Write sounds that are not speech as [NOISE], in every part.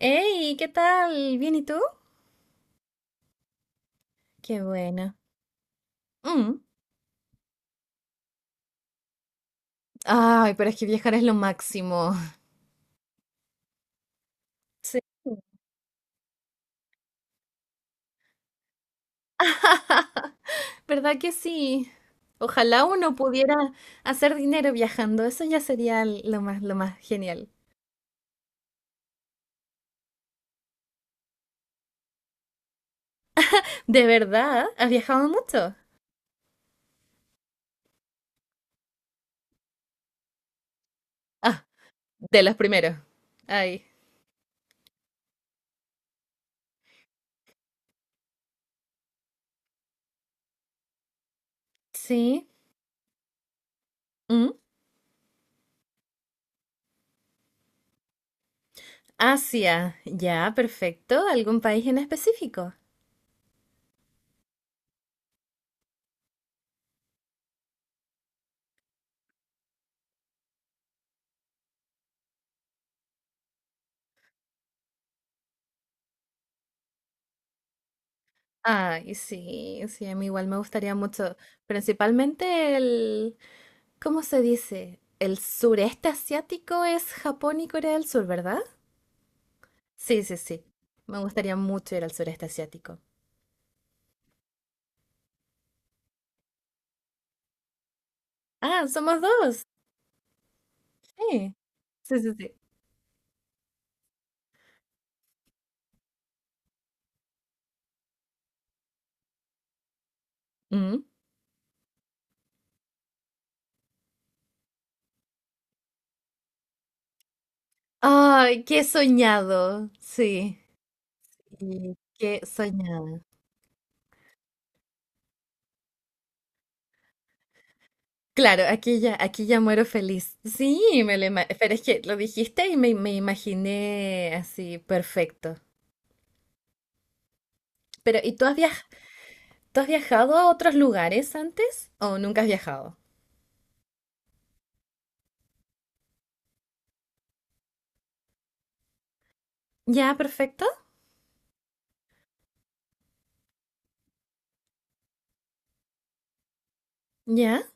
Hey, ¿qué tal? ¿Bien y tú? Qué bueno. Mm. Ay, pero es que viajar es lo máximo. Sí. ¿Verdad que sí? Ojalá uno pudiera hacer dinero viajando. Eso ya sería lo más genial. ¿De verdad? ¿Has viajado mucho? Ah, de los primeros. Ay. Sí. Mm. Asia. Ya, perfecto. ¿Algún país en específico? Ay, sí, sí, a mí igual me gustaría mucho. Principalmente el, ¿cómo se dice? El sureste asiático es Japón y Corea del Sur, ¿verdad? Sí, sí, sí. Me gustaría mucho ir al sureste asiático. Ah, somos dos. Sí, sí, sí, sí. Mm. Ay, qué soñado. Sí. Y qué soñado. Claro, aquí ya muero feliz. Sí, me lo pero es que lo dijiste y me imaginé así, perfecto. Pero, ¿y tú has viajado a otros lugares antes? ¿O nunca has viajado? Ya, perfecto. Ya.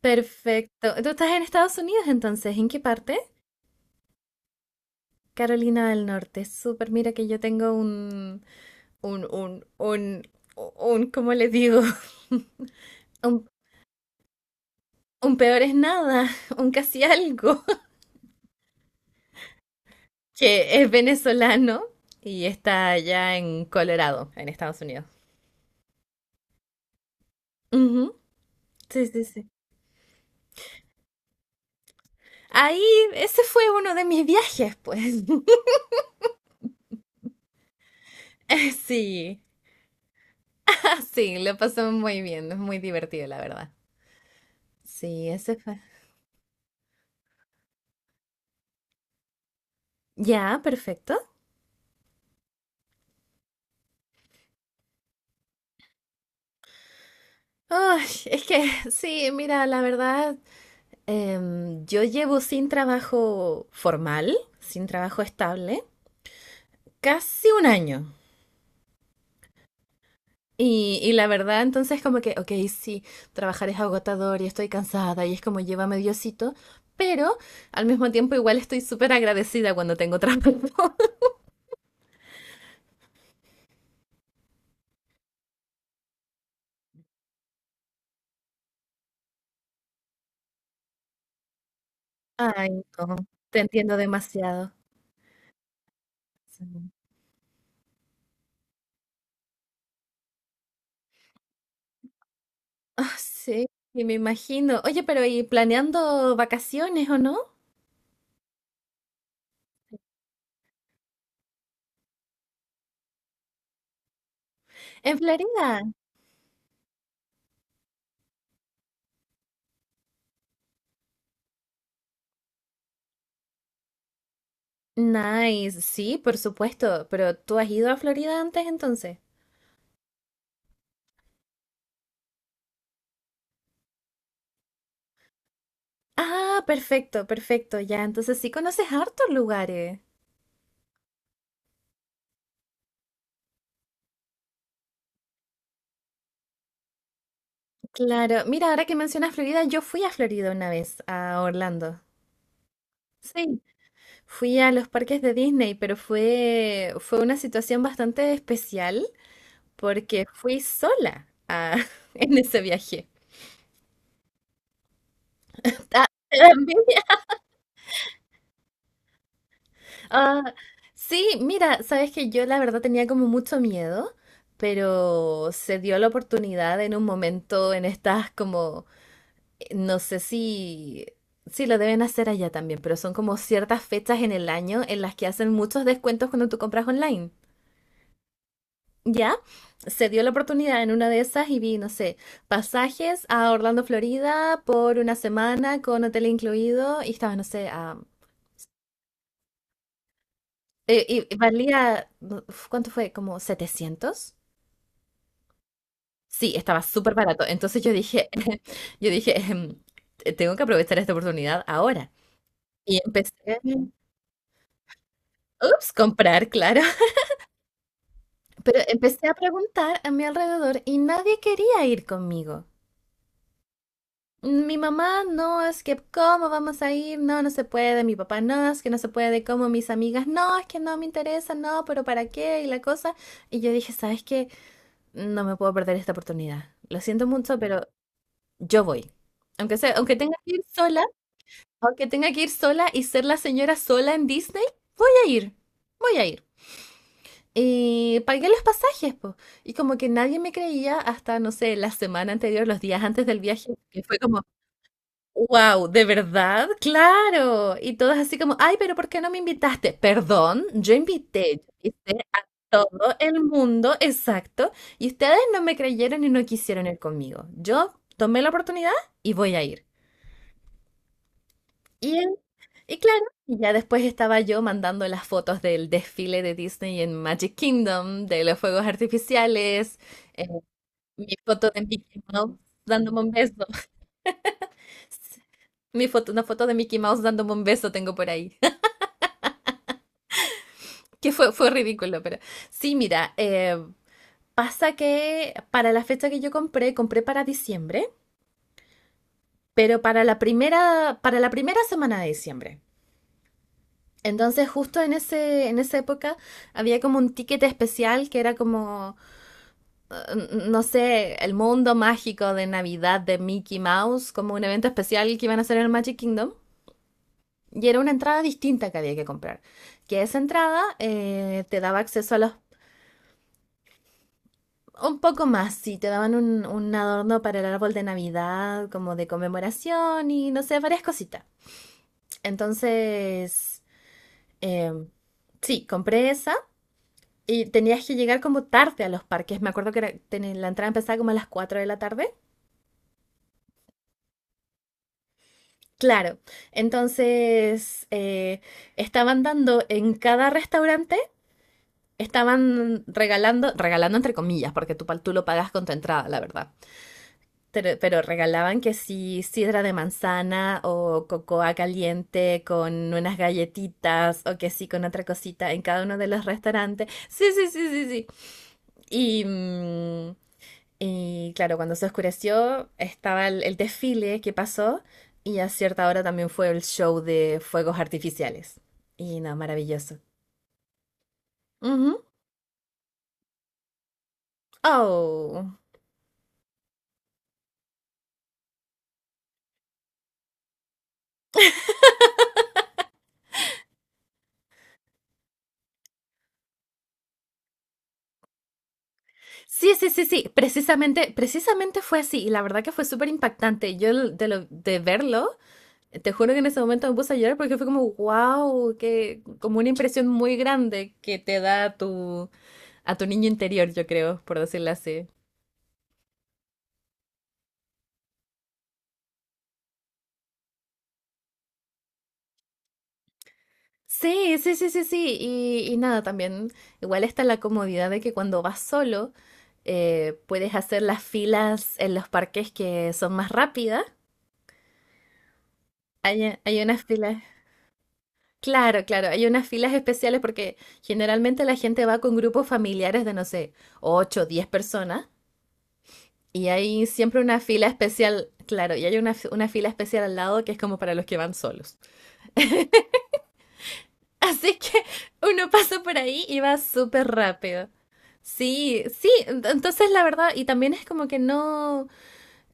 Perfecto. ¿Tú estás en Estados Unidos entonces? ¿En qué parte? Carolina del Norte. Súper, mira que yo tengo un, un, un, un, ¿cómo les digo? [LAUGHS] Un, un peor es nada, [LAUGHS] un casi algo, [LAUGHS] que es venezolano y está allá en Colorado, en Estados Unidos. Ujú, sí, sí, sí. Ahí, ese fue uno de mis viajes, pues. [LAUGHS] Sí, [LAUGHS] sí, lo pasó muy bien, es muy divertido, la verdad. Sí, ese fue. Ya, perfecto. Ay, es que [LAUGHS] sí, mira, la verdad, yo llevo sin trabajo formal, sin trabajo estable, casi un año. Y la verdad, entonces como que, ok, sí, trabajar es agotador y estoy cansada y es como llévame Diosito, pero al mismo tiempo igual estoy súper agradecida cuando tengo trabajo. [LAUGHS] Ay, no, te entiendo demasiado. Sí. Ah, sí, y me imagino. Oye, pero ¿y planeando vacaciones o no? ¿En Florida? Nice, sí, por supuesto, pero ¿tú has ido a Florida antes entonces? Ah, perfecto, perfecto, ya, entonces sí conoces hartos lugares. Claro, mira, ahora que mencionas Florida, yo fui a Florida una vez, a Orlando. Sí, fui a los parques de Disney, pero fue una situación bastante especial porque fui sola [LAUGHS] en ese viaje. [LAUGHS] Ah, sí, mira, sabes que yo la verdad tenía como mucho miedo, pero se dio la oportunidad en un momento en estas como, no sé si lo deben hacer allá también, pero son como ciertas fechas en el año en las que hacen muchos descuentos cuando tú compras online. Ya, se dio la oportunidad en una de esas y vi, no sé, pasajes a Orlando, Florida por una semana con hotel incluido y estaba, no sé, a... Y, valía, ¿cuánto fue? ¿Como 700? Sí, estaba súper barato. Entonces yo dije, [LAUGHS] yo dije, "Tengo que aprovechar esta oportunidad ahora. Y empecé, ups, comprar, claro. [LAUGHS] Pero empecé a preguntar a mi alrededor y nadie quería ir conmigo. Mi mamá, no, es que, ¿cómo vamos a ir? No, no se puede. Mi papá, no, es que no se puede. Como mis amigas, no, es que no me interesa, no, pero ¿para qué? Y la cosa. Y yo dije, ¿sabes qué? No me puedo perder esta oportunidad. Lo siento mucho, pero yo voy. Aunque sea, aunque tenga que ir sola, aunque tenga que ir sola y ser la señora sola en Disney, voy a ir, voy a ir. Y pagué los pasajes, po. Y como que nadie me creía hasta, no sé, la semana anterior, los días antes del viaje, que fue como, wow, ¿de verdad? Claro. Y todas así como, ay, pero ¿por qué no me invitaste? Perdón, yo invité a todo el mundo, exacto. Y ustedes no me creyeron y no quisieron ir conmigo. Yo tomé la oportunidad y voy a ir. Y, él- y claro, y ya después estaba yo mandando las fotos del desfile de Disney en Magic Kingdom, de los fuegos artificiales, eh, mi foto de Mickey Mouse dándome un beso. [LAUGHS] Mi foto, una foto de Mickey Mouse dándome un beso tengo por ahí. [LAUGHS] Que fue ridículo, pero sí, mira, pasa que para la fecha que yo compré para diciembre, pero para la primera semana de diciembre. Entonces, justo en ese, en esa época había como un ticket especial que era como, no sé, el mundo mágico de Navidad de Mickey Mouse, como un evento especial que iban a hacer en el Magic Kingdom. Y era una entrada distinta que había que comprar. Que esa entrada te daba acceso a los... Un poco más, sí, te daban un adorno para el árbol de Navidad, como de conmemoración y no sé, varias cositas. Entonces, eh, sí, compré esa. Y tenías que llegar como tarde a los parques. Me acuerdo que la entrada empezaba como a las 4 de la tarde. Claro. Entonces, estaban dando en cada restaurante, estaban regalando, regalando entre comillas, porque tú lo pagas con tu entrada, la verdad. Pero regalaban que sí sidra de manzana o cocoa caliente con unas galletitas o que sí con otra cosita en cada uno de los restaurantes. Sí, sí, sí, sí, sí. Y, mm, Y claro, cuando se oscureció estaba el desfile que pasó y a cierta hora también fue el show de fuegos artificiales. Y no, maravilloso. Ujú. Oh. Sí, sí, sí, sí, precisamente, precisamente fue así y la verdad que fue súper impactante. Yo l- de, lo- de verlo, te juro que en ese momento me puse a llorar porque fue como, wow, que como una impresión muy grande que te da a tu niño interior, yo creo, por decirlo así. Sí, sí, sí, sí, sí. Y nada, también igual está la comodidad de que cuando vas solo puedes hacer las filas en los parques que son más rápidas. Hay unas filas, claro, claro, hay unas filas especiales porque generalmente la gente va con grupos familiares de, no sé, 8, o 10 personas y hay siempre una fila especial, claro, y hay una fila especial al lado que es como para los que van solos. [LAUGHS] Así que uno pasa por ahí y va súper rápido. Sí, sí, entonces la verdad, y también es como que no,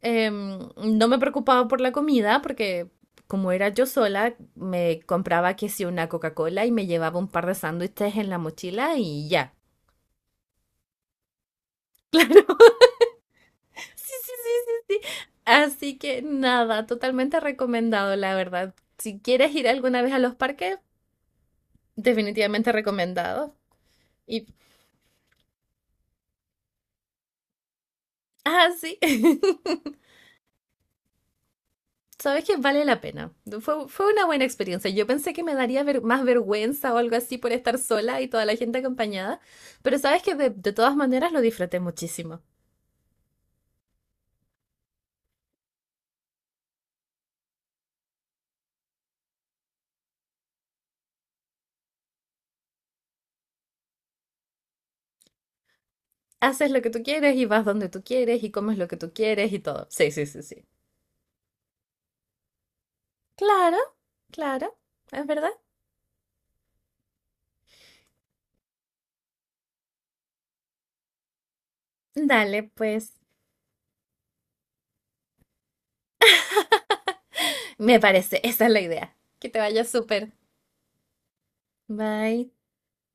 no me preocupaba por la comida, porque como era yo sola, me compraba que sí una Coca-Cola y me llevaba un par de sándwiches en la mochila y ya. Sí, sí, sí, sí, sí. Así que nada, totalmente recomendado, la verdad. Si quieres ir alguna vez a los parques, definitivamente recomendado. Y, sí. [LAUGHS] Sabes que vale la pena. Fue una buena experiencia. Yo pensé que me daría más vergüenza o algo así por estar sola y toda la gente acompañada, pero sabes que de todas maneras lo disfruté muchísimo. Haces lo que tú quieres y vas donde tú quieres y comes lo que tú quieres y todo. Sí, sí, sí, sí. Claro, claro, es verdad. Dale, pues. Me parece, esa es la idea. Que te vaya súper. Bye.